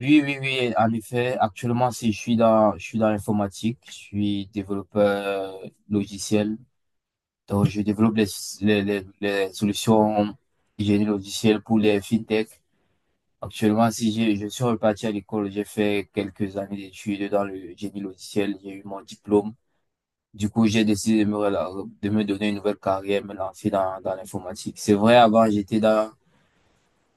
Oui, oui, oui, en effet, actuellement, si je suis dans l'informatique, je suis développeur logiciel. Donc, je développe les solutions de génie logiciel pour les fintech. Actuellement, si je suis reparti à l'école, j'ai fait quelques années d'études dans le génie logiciel, j'ai eu mon diplôme. Du coup, j'ai décidé de me donner une nouvelle carrière, me lancer dans l'informatique. C'est vrai, avant,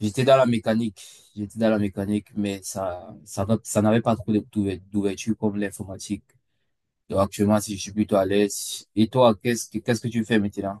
J'étais dans la mécanique, j'étais dans la mécanique, mais ça n'avait pas trop d'ouverture comme l'informatique. Donc actuellement, si je suis plutôt à l'aise. Et toi, qu'est-ce que tu fais maintenant?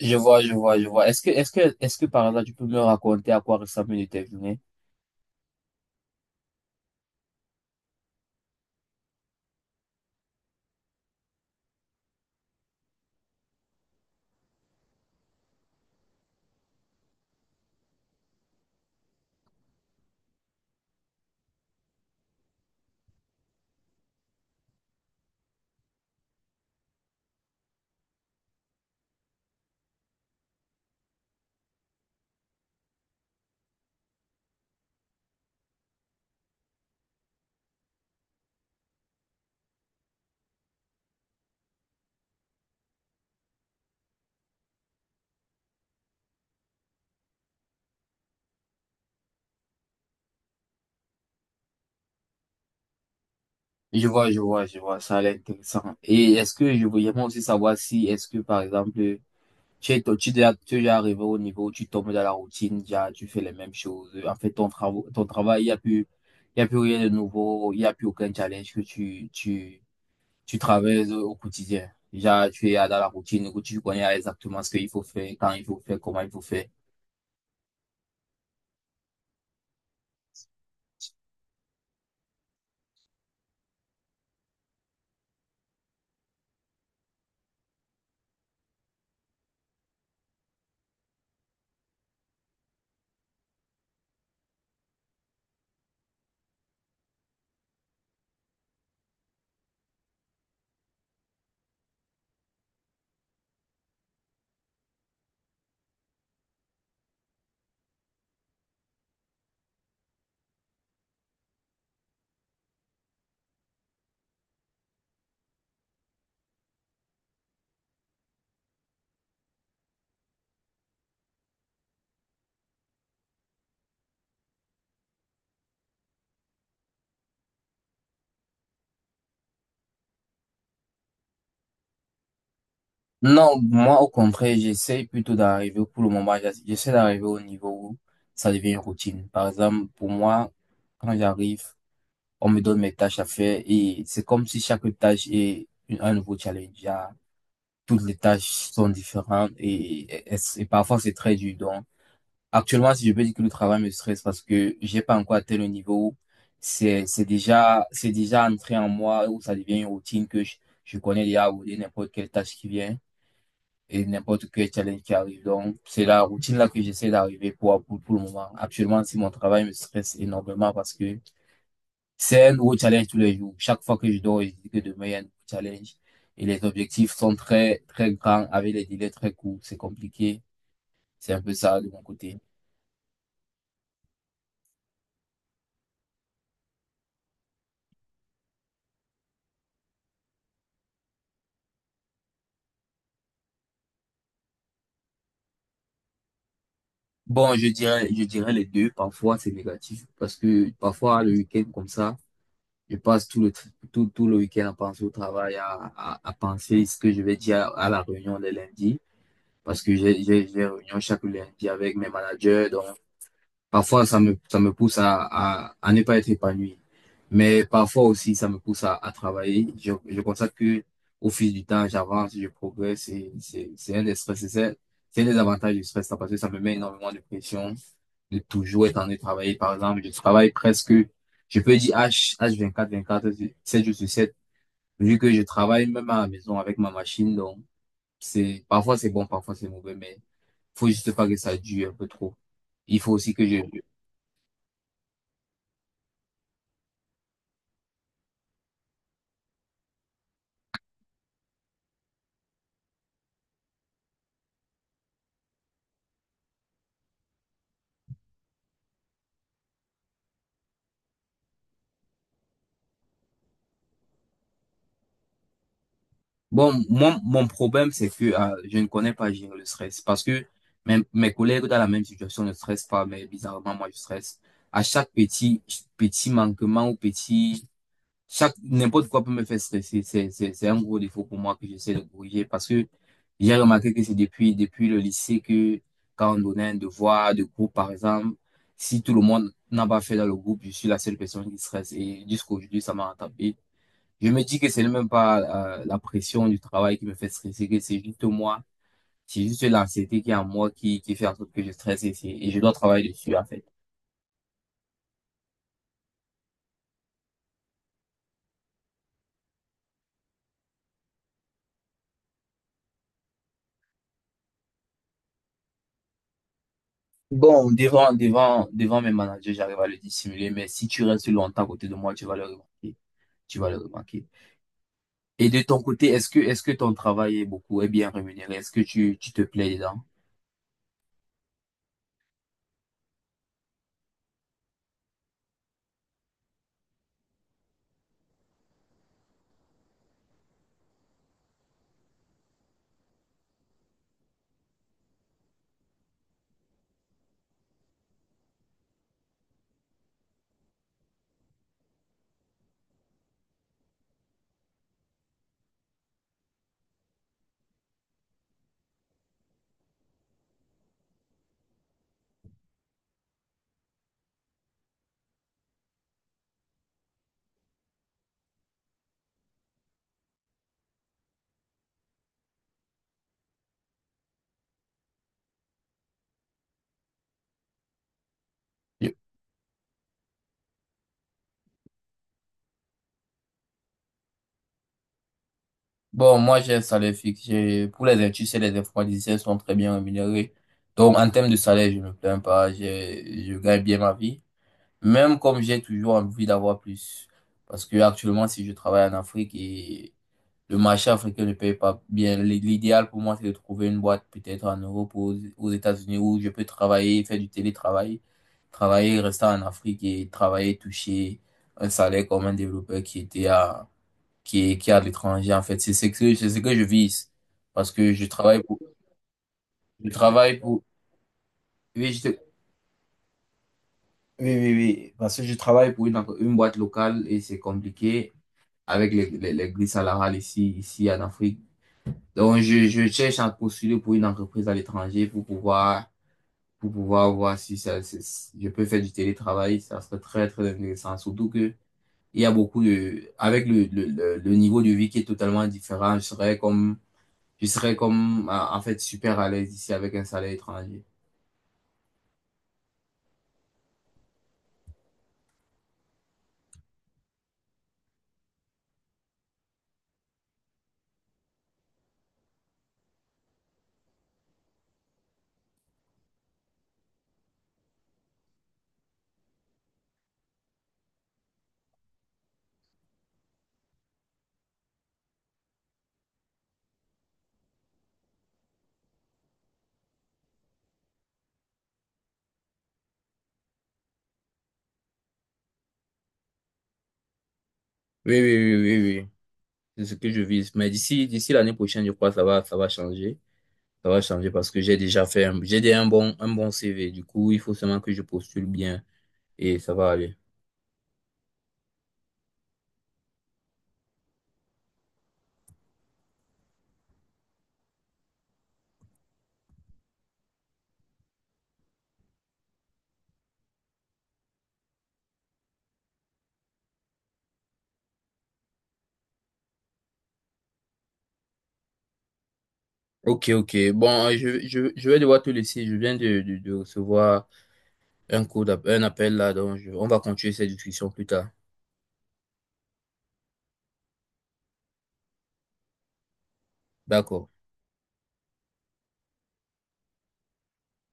Je vois, je vois, je vois. Est-ce que par là, tu peux me raconter à quoi ressemble une de tes journées? Je vois, je vois, je vois. Ça a l'air intéressant. Et est-ce que je voulais moi aussi savoir si, est-ce que par exemple, tu es déjà arrivé au niveau où tu tombes dans la routine, déjà, tu fais les mêmes choses. En fait, ton travail, il y a plus rien de nouveau, il n'y a plus aucun challenge que tu traverses au quotidien. Déjà, tu es dans la routine où tu connais exactement ce qu'il faut faire, quand il faut faire, comment il faut faire. Non, moi, au contraire, j'essaie plutôt d'arriver, pour le moment, j'essaie d'arriver au niveau où ça devient une routine. Par exemple, pour moi, quand j'arrive, on me donne mes tâches à faire et c'est comme si chaque tâche est un nouveau challenge. Ah, toutes les tâches sont différentes et parfois c'est très dur. Donc, actuellement, si je peux dire que le travail me stresse parce que j'ai pas encore atteint le niveau, où c'est déjà entré en moi où ça devient une routine que je connais déjà où il y a n'importe quelle tâche qui vient et n'importe quel challenge qui arrive. Donc, c'est la routine là que j'essaie d'arriver pour le moment. Actuellement, si mon travail me stresse énormément parce que c'est un nouveau challenge tous les jours. Chaque fois que je dors, je dis que demain, il y a un nouveau challenge. Et les objectifs sont très, très grands, avec les délais très courts. C'est compliqué. C'est un peu ça de mon côté. Bon, je dirais les deux. Parfois, c'est négatif parce que parfois, le week-end, comme ça, je passe tout le week-end à penser au travail, à penser ce que je vais dire à la réunion le lundi parce que j'ai réunion chaque lundi avec mes managers. Donc, parfois, ça me pousse à ne pas être épanoui. Mais parfois aussi, ça me pousse à travailler. Je constate que au fil du temps, j'avance, je progresse et c'est un des stress. C'est un des avantages du stress, ça, parce que ça me met énormément de pression de toujours être en train de travailler. Par exemple, je travaille presque, je peux dire h 24 24 7 jours sur 7 vu que je travaille même à la maison avec ma machine. Donc, parfois c'est bon, parfois c'est mauvais, mais faut juste pas que ça dure un peu trop. Il faut aussi que je, bon, moi, mon problème, c'est que je ne connais pas gérer le stress parce que mes collègues dans la même situation ne stressent pas, mais bizarrement, moi, je stresse. À chaque petit manquement ou petit, chaque, n'importe quoi peut me faire stresser. C'est un gros défaut pour moi que j'essaie de corriger parce que j'ai remarqué que c'est depuis le lycée que quand on donnait un devoir de groupe, par exemple, si tout le monde n'a pas fait dans le groupe, je suis la seule personne qui stresse et jusqu'aujourd'hui, ça m'a rattrapé. Je me dis que c'est même pas la pression du travail qui me fait stresser, que c'est juste moi, c'est juste l'anxiété qui est en moi qui fait en sorte que je stresse et, et je dois travailler dessus en fait. Bon, devant mes managers, j'arrive à le dissimuler, mais si tu restes longtemps à côté de moi, tu vas le remarquer. Tu vas le remarquer. Et de ton côté, est-ce que ton travail est bien rémunéré? Est-ce que tu te plais dedans? Je- Bon, moi, j'ai un salaire fixe. Tu sais, les informaticiens sont très bien rémunérés. Donc, en termes de salaire, je ne me plains pas. Je gagne bien ma vie. Même comme j'ai toujours envie d'avoir plus. Parce que actuellement, si je travaille en Afrique et le marché africain ne paye pas bien, l'idéal pour moi, c'est de trouver une boîte peut-être en Europe ou aux États-Unis où je peux travailler, faire du télétravail, travailler, rester en Afrique et travailler, toucher un salaire comme un développeur qui était à, qui est à l'étranger, en fait. C'est ce que je vise. Parce que je travaille pour, oui, oui, oui, oui. Parce que je travaille pour une boîte locale et c'est compliqué avec les grilles salariales ici en Afrique. Donc, je cherche à postuler pour une entreprise à l'étranger pour pouvoir voir si si je peux faire du télétravail. Ça serait très, très intéressant. Surtout que il y a beaucoup de, avec le niveau de vie qui est totalement différent, je serais comme, en fait, super à l'aise ici avec un salaire étranger. Oui, oui, oui, oui, oui. C'est ce que je vise. Mais d'ici l'année prochaine, je crois que ça va changer. Ça va changer parce que j'ai déjà un bon, CV. Du coup, il faut seulement que je postule bien et ça va aller. Ok, ok. Bon, je vais devoir te laisser. Je viens de recevoir un appel là, donc on va continuer cette discussion plus tard. D'accord.